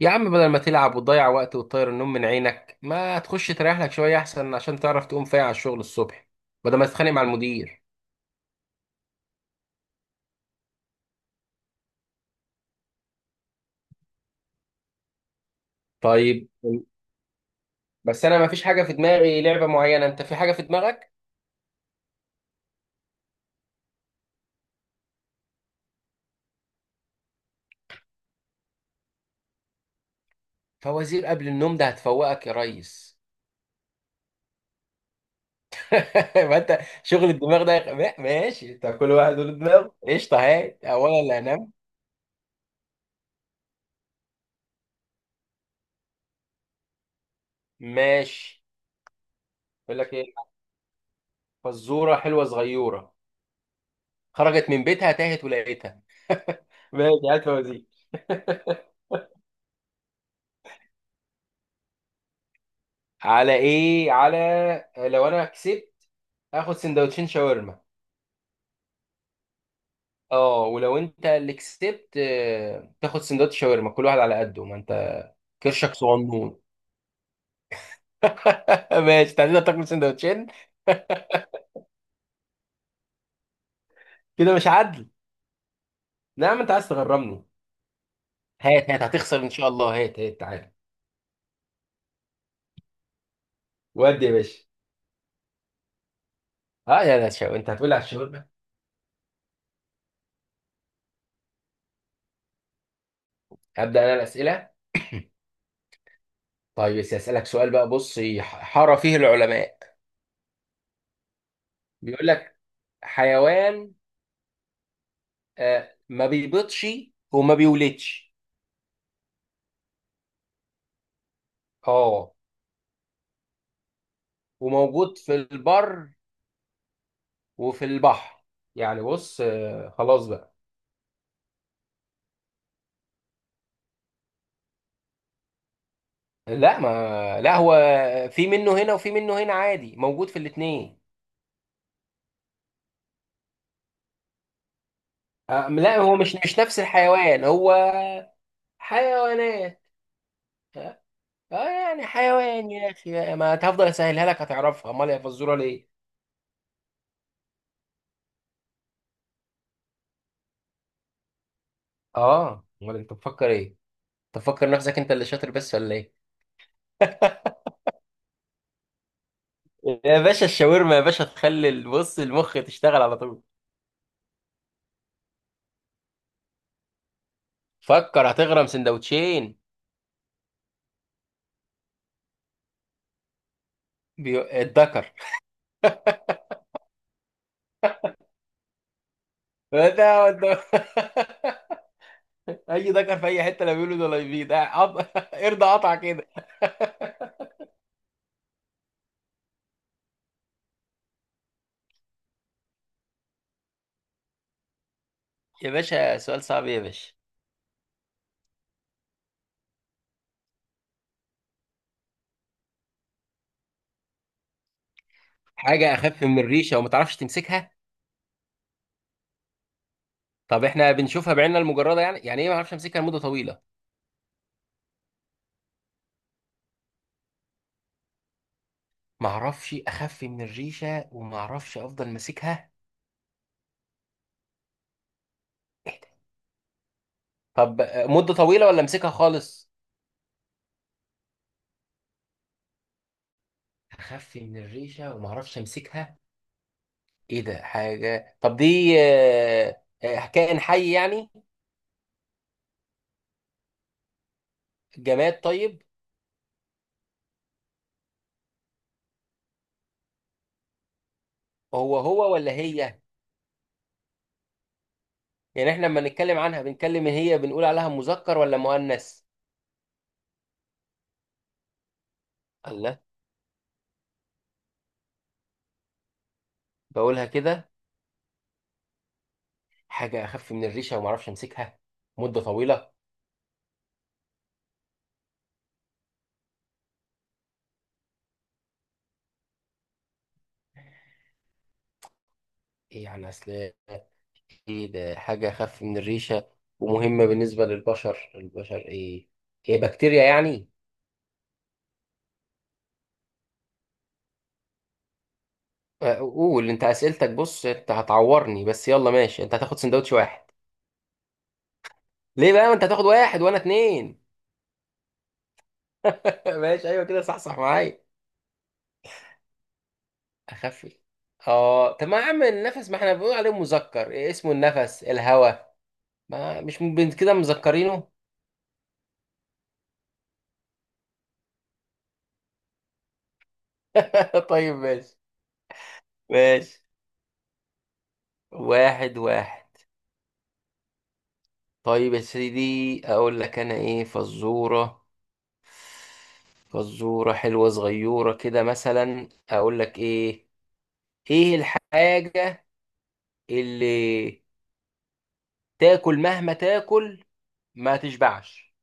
يا عم، بدل ما تلعب وتضيع وقت وتطير النوم من عينك، ما تخش تريح لك شوية أحسن، عشان تعرف تقوم فايق على الشغل الصبح بدل ما تتخانق مع المدير. طيب، بس أنا ما فيش حاجة في دماغي لعبة معينة، أنت في حاجة في دماغك؟ فوازير قبل النوم ده هتفوقك يا ريس. ما أنت شغل الدماغ ده ماشي، أنت كل واحد له دماغ. قشطة، هاي أولا اللي هنام. ماشي، يقول لك إيه. فزورة حلوة صغيرة: خرجت من بيتها تاهت ولقيتها. ماشي، هات فوازير. على ايه؟ على لو انا كسبت اخد سندوتشين شاورما. اه، ولو انت اللي كسبت، تاخد سندوتش شاورما، كل واحد على قده، ما انت كرشك صغنون. ماشي، تعالى تاكل سندوتشين. كده مش عدل؟ نعم، انت عايز تغرمني. هات هات، هتخسر ان شاء الله، هات هات تعالى. ودي يا باشا. اه يا لا شو، انت هتقول لي على الشاورما. هبدا انا الاسئله. طيب، بس اسالك سؤال بقى، بص حار فيه العلماء. بيقول لك: حيوان آه ما بيبيضش وما بيولدش. اه، وموجود في البر وفي البحر. يعني بص، آه خلاص بقى. لا، ما لا، هو في منه هنا وفي منه هنا، عادي، موجود في الاتنين. آه لا، هو مش نفس الحيوان، هو حيوانات. اه. آه، يعني حيوان يا اخي بقى. ما هتفضل اسهلها لك هتعرفها، امال يا فزوره ليه؟ اه، امال انت بتفكر ايه؟ تفكر نفسك انت اللي شاطر بس ولا ايه؟ يا باشا الشاورما يا باشا تخلي البص المخ تشتغل على طول. فكر، هتغرم سندوتشين. الدكر. ده والد- اي دكر في اي حته لا بيولد ولا يبيض. ارضى قطع كده. يا باشا سؤال صعب يا باشا. حاجه اخف من الريشه وما تعرفش تمسكها. طب احنا بنشوفها بعيننا المجرده، يعني يعني ايه ما اعرفش امسكها لمده طويله؟ ما اعرفش، اخف من الريشه وما اعرفش افضل ماسكها. طب مده طويله ولا امسكها خالص؟ اخف من الريشه وما اعرفش امسكها. ايه ده؟ حاجة، طب دي كائن حي يعني؟ جماد طيب؟ هو هو ولا هي؟ يعني احنا لما نتكلم عنها بنتكلم هي، بنقول عليها مذكر ولا مؤنث؟ الله، بقولها كده. حاجة اخف من الريشة وما اعرفش امسكها مدة طويلة. ايه يعني اصل؟ ايه ده، حاجة اخف من الريشة ومهمة بالنسبة للبشر، البشر ايه؟ هي بكتيريا يعني؟ قول انت اسئلتك، بص انت هتعورني، بس يلا ماشي، انت هتاخد سندوتش واحد. ليه بقى؟ ما انت هتاخد واحد وانا اتنين. ماشي، ايوه كده، صح صح معايا. اخفي. اه، طب ما يا عم النفس، ما احنا بنقول عليه مذكر، إيه اسمه النفس، الهوى. ما مش م- بن- كده مذكرينه. طيب ماشي. ماشي. واحد واحد. طيب يا سيدي، اقول لك انا ايه فزورة. فزورة حلوة صغيرة كده، مثلا اقول لك ايه ايه الحاجة اللي تاكل مهما تاكل ما تشبعش؟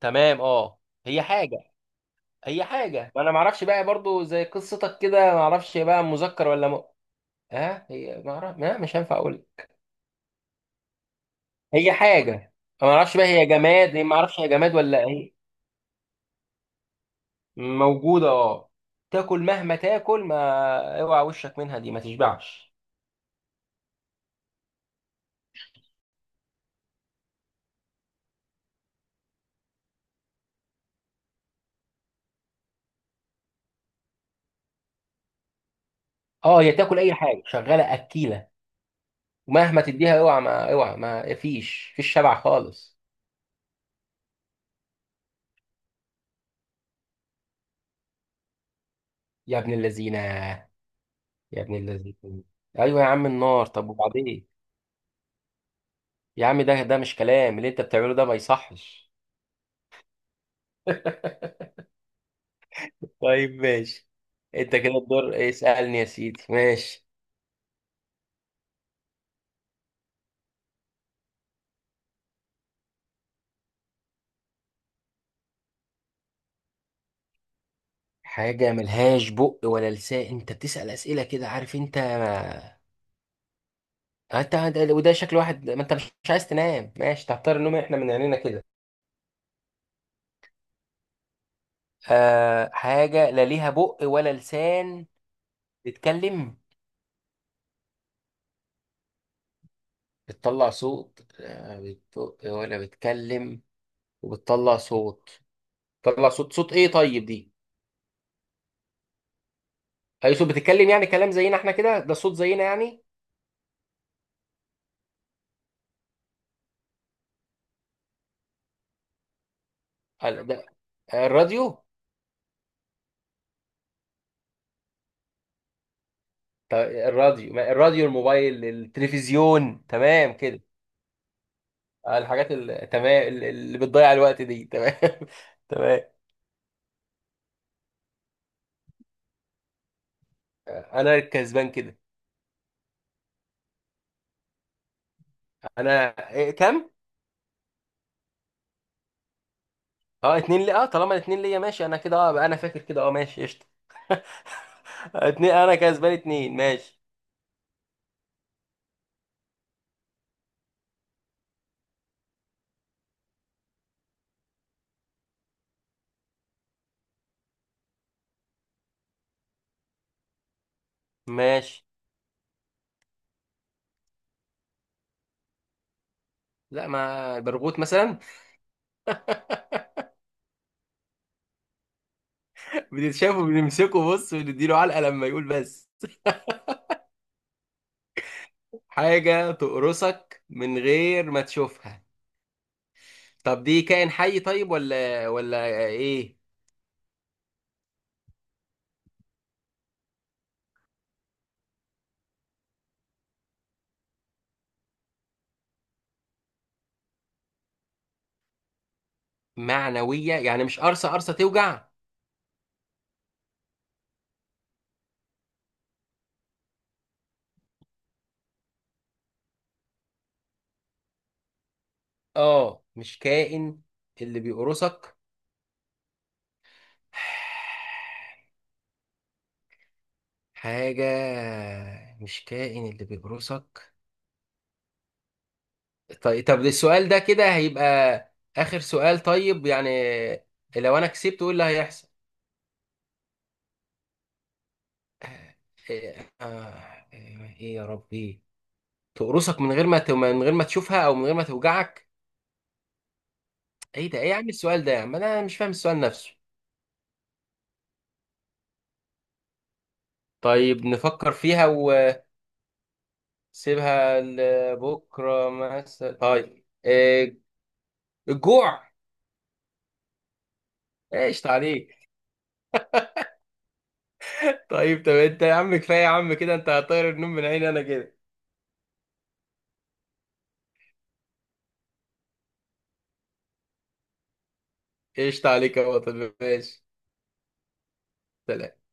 تمام، اه. هي حاجة، اي حاجه، ما انا ما اعرفش بقى برضو زي قصتك كده، ما اعرفش بقى مذكر ولا ها هي، ما اعرف، لا مش هينفع اقول. هي حاجه. ما اعرفش بقى هي جماد، هي ما اعرفش هي جماد ولا ايه. موجوده، اه. تاكل مهما تاكل، ما اوعى وشك منها دي، ما تشبعش. اه، هي تاكل اي حاجه، شغاله اكيله. ومهما تديها، اوعى ما اوعى، ما فيش شبع خالص. يا ابن اللذينه. يا ابن اللذينه. ايوه يا عم النار، طب وبعدين؟ يا عم ده، ده مش كلام، اللي انت بتعمله ده ما يصحش. طيب ماشي. انت كده الدور، اسألني يا سيدي ماشي. حاجة ملهاش بق ولا لسان؟ انت بتسأل أسئلة كده، عارف انت وده شكل واحد ما انت مش عايز تنام، ماشي تختار النوم احنا من عينينا كده. آه، حاجة لا ليها بق ولا لسان بتتكلم؟ بتطلع صوت، آه، بتبق ولا بتتكلم وبتطلع صوت؟ بتطلع صوت، صوت ايه طيب دي؟ اي صوت، بتتكلم يعني كلام زينا احنا كده، ده صوت زينا يعني؟ ال- ده- آه، الراديو. طب الراديو، ما الراديو الموبايل التلفزيون تمام كده. آه، الحاجات تمام، اللي بتضيع الوقت دي، تمام. تمام. آه، انا الكسبان كده. انا، إيه كام؟ اه اتنين لي، اه طالما الاتنين ليا ماشي، انا كده اه بقى، انا فاكر كده اه، ماشي قشطه. اتنين، انا كسبان اتنين، ماشي. ماشي. لا، ما برغوت مثلا. بتتشافه، بنمسكه بص ونديله علقه لما يقول بس. حاجه تقرصك من غير ما تشوفها. طب دي كائن حي طيب ولا ايه؟ معنوية يعني مش قرصة قرصة توجع؟ اه، مش كائن اللي بيقرصك. حاجة، مش كائن اللي بيقرصك. طيب، طب السؤال ده كده هيبقى آخر سؤال طيب يعني. لو أنا كسبت، قول اللي هيحصل. آه، إيه يا ربي. تقرصك من غير ما من غير ما تشوفها أو من غير ما توجعك. إيه ده، إيه يا عم السؤال ده، يا عم أنا مش فاهم السؤال نفسه. طيب نفكر فيها سيبها لبكره مثلا. طيب، إيه، الجوع. قشطة عليك. طيب، طب انت يا عم كفايه يا عم كده، انت هتطير النوم من عيني انا كده. قشطة عليك يا بطل، ماشي. سلام.